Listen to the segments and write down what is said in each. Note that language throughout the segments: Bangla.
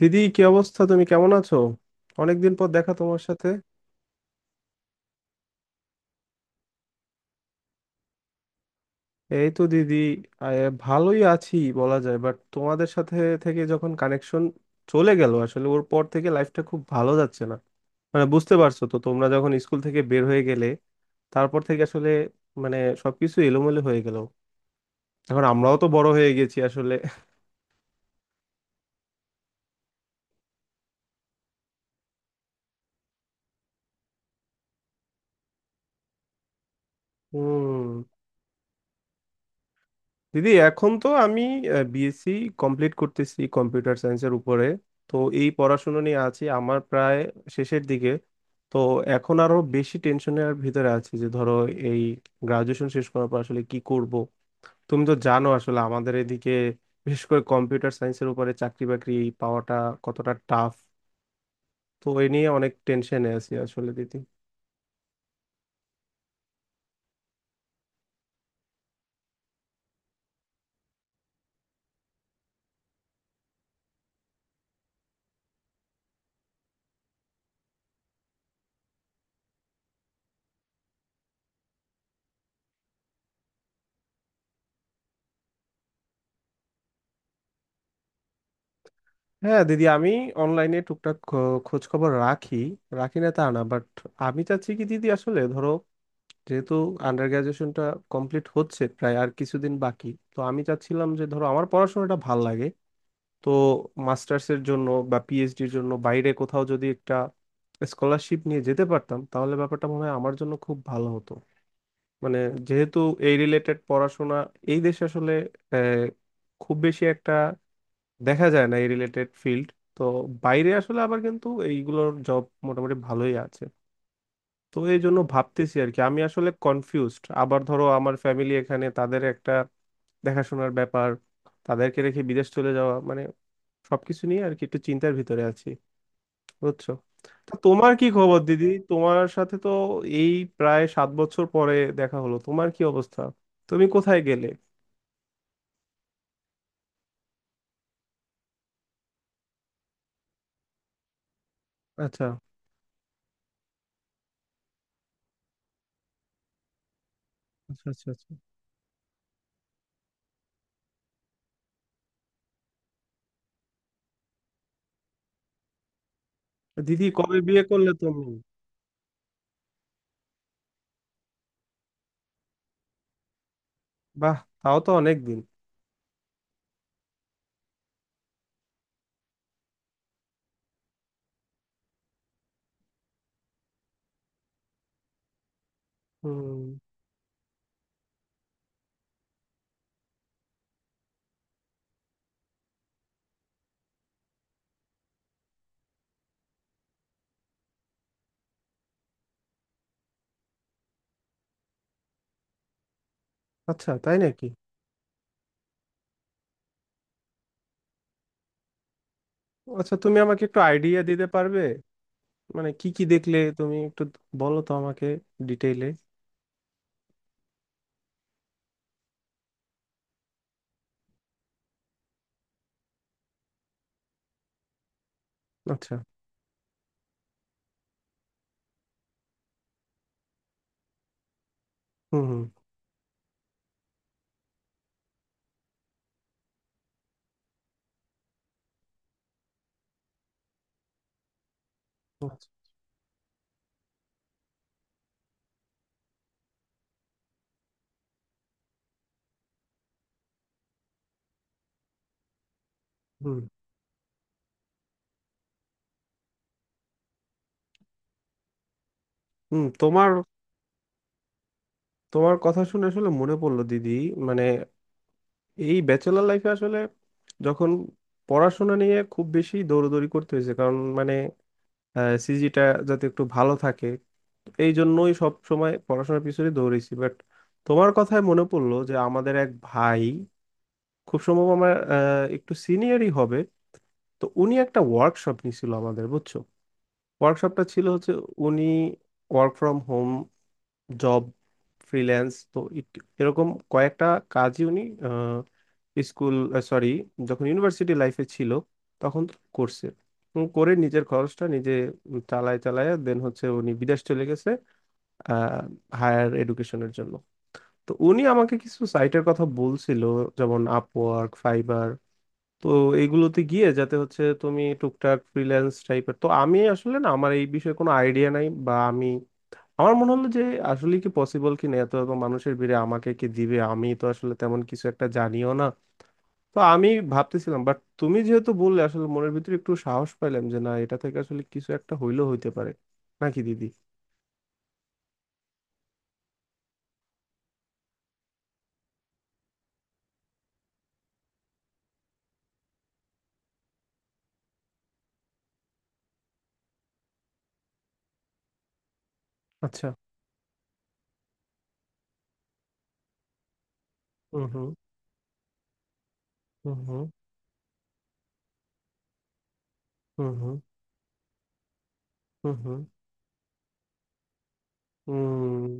দিদি, কি অবস্থা? তুমি কেমন আছো? অনেকদিন পর দেখা তোমার সাথে। এই তো দিদি। আহ, ভালোই আছি বলা যায়, বাট তোমাদের সাথে থেকে যখন কানেকশন চলে গেল, আসলে ওর পর থেকে লাইফটা খুব ভালো যাচ্ছে না। মানে বুঝতে পারছো তো, তোমরা যখন স্কুল থেকে বের হয়ে গেলে তারপর থেকে আসলে, মানে, সবকিছু এলোমেলো হয়ে গেল। এখন আমরাও তো বড় হয়ে গেছি আসলে। হুম। দিদি, এখন তো আমি বিএসসি কমপ্লিট করতেছি কম্পিউটার সায়েন্সের উপরে। তো এই পড়াশোনা নিয়ে আছি, আমার প্রায় শেষের দিকে। তো এখন আরো বেশি টেনশনের ভিতরে আছি যে ধরো এই গ্রাজুয়েশন শেষ করার পর আসলে কি করব। তুমি তো জানো আসলে, আমাদের এদিকে বিশেষ করে কম্পিউটার সায়েন্সের উপরে চাকরি বাকরি পাওয়াটা কতটা টাফ। তো এ নিয়ে অনেক টেনশনে আছি আসলে দিদি। হ্যাঁ দিদি, আমি অনলাইনে টুকটাক খোঁজ খবর রাখি। রাখি না তা না, বাট আমি চাচ্ছি কি দিদি আসলে ধরো, যেহেতু আন্ডার গ্রাজুয়েশনটা কমপ্লিট হচ্ছে, প্রায় আর কিছুদিন বাকি। তো আমি চাচ্ছিলাম যে ধরো, আমার পড়াশোনাটা ভাল লাগে, তো মাস্টার্সের জন্য বা পিএইচডির জন্য বাইরে কোথাও যদি একটা স্কলারশিপ নিয়ে যেতে পারতাম, তাহলে ব্যাপারটা মনে হয় আমার জন্য খুব ভালো হতো। মানে, যেহেতু এই রিলেটেড পড়াশোনা এই দেশে আসলে আহ, খুব বেশি একটা দেখা যায় না, এই রিলেটেড ফিল্ড। তো বাইরে আসলে আবার কিন্তু এইগুলোর জব মোটামুটি ভালোই আছে। তো এই জন্য ভাবতেছি আর কি, আমি আসলে কনফিউজড। আবার ধরো আমার ফ্যামিলি এখানে, তাদের একটা দেখাশোনার ব্যাপার, তাদেরকে রেখে বিদেশ চলে যাওয়া মানে, সবকিছু নিয়ে আর কি একটু চিন্তার ভিতরে আছি। বুঝছো? তা তোমার কি খবর দিদি? তোমার সাথে তো এই প্রায় 7 বছর পরে দেখা হলো। তোমার কি অবস্থা? তুমি কোথায় গেলে? আচ্ছা, আচ্ছা, আচ্ছা, আচ্ছা। দিদি, কবে বিয়ে করলে তুমি? বাহ! তাও তো অনেক দিন। হুম। আচ্ছা, তাই নাকি? আচ্ছা, তুমি আমাকে একটু আইডিয়া দিতে পারবে? মানে কি কি দেখলে তুমি একটু, বলো তো আমাকে ডিটেইলে। আচ্ছা। হুম, হুম। আচ্ছা, হুম, হুম। তোমার তোমার কথা শুনে আসলে মনে পড়লো দিদি। মানে, এই ব্যাচেলার লাইফে আসলে যখন পড়াশোনা নিয়ে খুব বেশি দৌড়দৌড়ি করতে হয়েছে, কারণ মানে সিজিটা যাতে একটু ভালো থাকে, এই জন্যই সব সময় পড়াশোনার পিছনে দৌড়েছি, বাট তোমার কথায় মনে পড়লো যে আমাদের এক ভাই, খুব সম্ভব আমার একটু সিনিয়রই হবে। তো উনি একটা ওয়ার্কশপ নিছিল আমাদের, বুঝছো? ওয়ার্কশপটা ছিল, হচ্ছে উনি work from home job, freelance তো এরকম কয়েকটা কাজই উনি স্কুল সরি যখন ইউনিভার্সিটি লাইফে ছিল তখন করছে। করে নিজের খরচটা নিজে চালায় চালায়, দেন হচ্ছে উনি বিদেশ চলে গেছে হায়ার এডুকেশনের জন্য। তো উনি আমাকে কিছু সাইটের কথা বলছিল, যেমন আপওয়ার্ক, ফাইবার। তো এইগুলোতে গিয়ে যাতে হচ্ছে তুমি টুকটাক ফ্রিল্যান্স টাইপের, তো আমি আসলে না, আমার এই বিষয়ে কোনো আইডিয়া নাই বা আমি, আমার মনে হলো যে আসলে কি পসিবল কি না, এত এত মানুষের ভিড়ে আমাকে কি দিবে? আমি তো আসলে তেমন কিছু একটা জানিও না। তো আমি ভাবতেছিলাম, বাট তুমি যেহেতু বললে, আসলে মনের ভিতরে একটু সাহস পাইলাম যে না, এটা থেকে আসলে কিছু একটা হইলেও হইতে পারে, নাকি দিদি? আচ্ছা, হুম, হুম, হুম, হুম, হুম, হুম, হুম, হুম, হুম,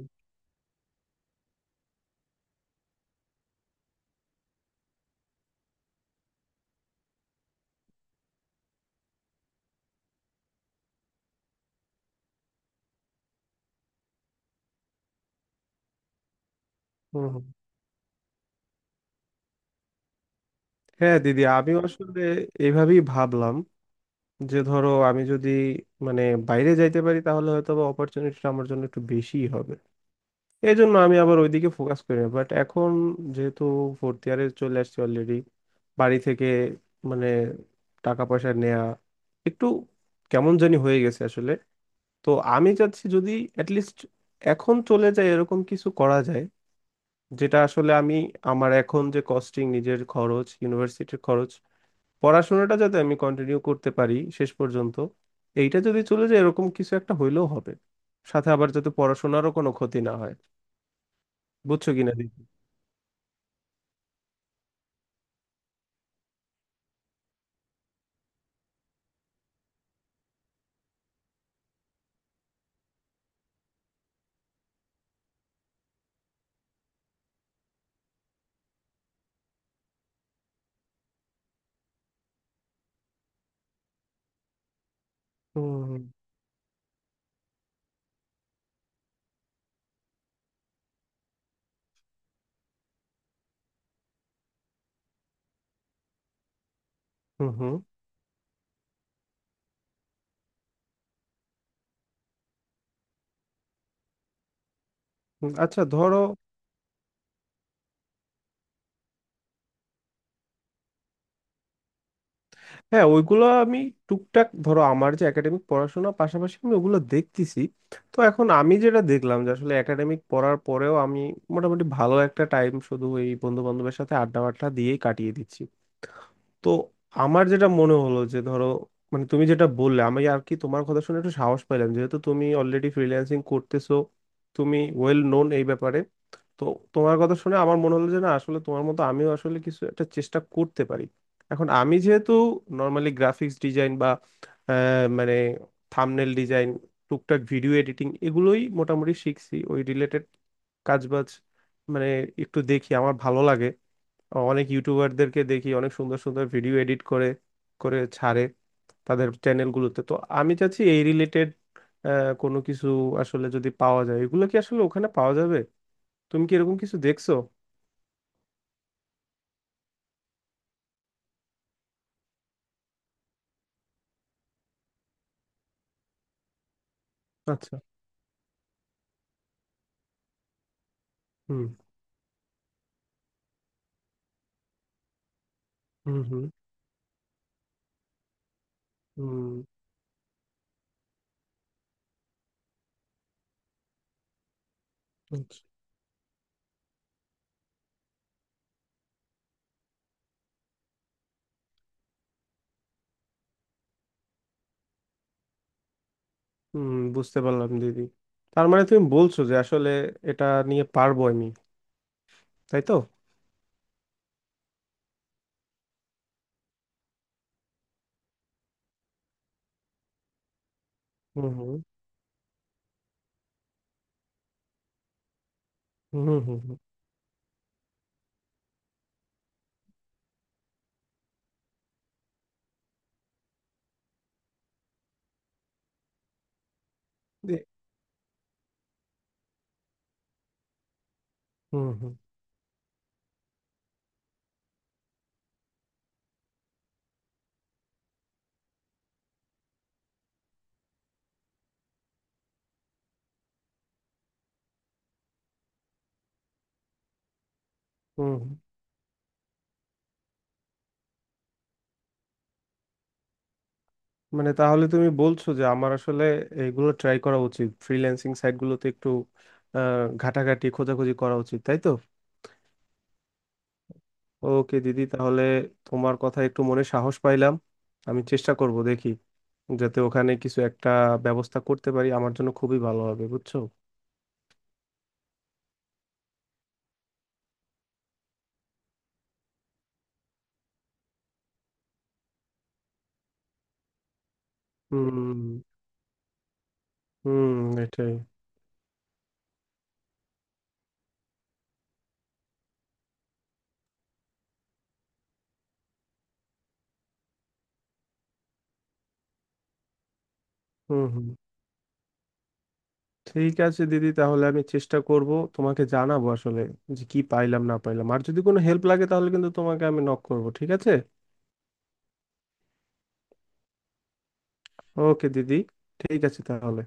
হুম, হুম। হ্যাঁ দিদি, আমিও আসলে এইভাবেই ভাবলাম যে ধরো আমি যদি, মানে, বাইরে যাইতে পারি, তাহলে হয়তো বা অপরচুনিটিটা আমার জন্য একটু বেশিই হবে। এই জন্য আমি আবার ওইদিকে ফোকাস করি না, বাট এখন যেহেতু ফোর্থ ইয়ারে চলে আসছি অলরেডি, বাড়ি থেকে মানে টাকা পয়সা নেয়া একটু কেমন জানি হয়ে গেছে আসলে। তো আমি চাচ্ছি যদি অ্যাটলিস্ট এখন চলে যায় এরকম কিছু করা যায়, যেটা আসলে আমি, আমার এখন যে কস্টিং, নিজের খরচ, ইউনিভার্সিটির খরচ, পড়াশোনাটা যাতে আমি কন্টিনিউ করতে পারি শেষ পর্যন্ত, এইটা যদি চলে যায় এরকম কিছু একটা হইলেও হবে, সাথে আবার যাতে পড়াশোনারও কোনো ক্ষতি না হয়। বুঝছো কিনা দেখি। হুম, হুম। হুম, হুম। আচ্ছা, ধরো। হ্যাঁ, ওইগুলো আমি টুকটাক ধরো আমার যে একাডেমিক পড়াশোনা, পাশাপাশি আমি ওগুলো দেখতেছি। তো এখন আমি যেটা দেখলাম যে আসলে একাডেমিক পড়ার পরেও আমি মোটামুটি ভালো একটা টাইম শুধু এই বন্ধু বান্ধবের সাথে আড্ডা বাড্ডা দিয়েই কাটিয়ে দিচ্ছি। তো আমার যেটা মনে হলো যে ধরো, মানে তুমি যেটা বললে আমি আর কি, তোমার কথা শুনে একটু সাহস পাইলাম, যেহেতু তুমি অলরেডি ফ্রিল্যান্সিং করতেছো, তুমি ওয়েল নোন এই ব্যাপারে। তো তোমার কথা শুনে আমার মনে হলো যে না, আসলে তোমার মতো আমিও আসলে কিছু একটা চেষ্টা করতে পারি। এখন আমি যেহেতু নর্মালি গ্রাফিক্স ডিজাইন বা মানে থাম্বনেল ডিজাইন, টুকটাক ভিডিও এডিটিং, এগুলোই মোটামুটি শিখছি ওই রিলেটেড কাজবাজ। মানে একটু দেখি আমার ভালো লাগে, অনেক ইউটিউবারদেরকে দেখি অনেক সুন্দর সুন্দর ভিডিও এডিট করে করে ছাড়ে তাদের চ্যানেলগুলোতে। তো আমি চাচ্ছি এই রিলেটেড কোনো কিছু, আসলে যদি পাওয়া যায়, এগুলো কি আসলে ওখানে পাওয়া যাবে? তুমি কি এরকম কিছু দেখছো? আচ্ছা। হুম, হুম, হুম, হুম। আচ্ছা। হুম, বুঝতে পারলাম দিদি। তার মানে তুমি বলছো যে আসলে এটা নিয়ে পারবো আমি, তাই তো? হুম, হুম, হুম, হুম, হুম, দে- হুম, হুম, হুম, হুম। মানে, তাহলে তুমি বলছো যে আমার আসলে এইগুলো ট্রাই করা উচিত, ফ্রিল্যান্সিং সাইটগুলোতে একটু ঘাটাঘাটি খোঁজাখুঁজি করা উচিত, তাই তো? ওকে দিদি, তাহলে তোমার কথা একটু মনে সাহস পাইলাম। আমি চেষ্টা করব দেখি, যাতে ওখানে কিছু একটা ব্যবস্থা করতে পারি, আমার জন্য খুবই ভালো হবে, বুঝছো। হুম, হুম। এটাই। হুম, হুম। ঠিক আছে দিদি, তাহলে আমি চেষ্টা করব, তোমাকে জানাবো আসলে যে কি পাইলাম না পাইলাম। আর যদি কোনো হেল্প লাগে তাহলে কিন্তু তোমাকে আমি নক করব, ঠিক আছে? ওকে দিদি, ঠিক আছে তাহলে।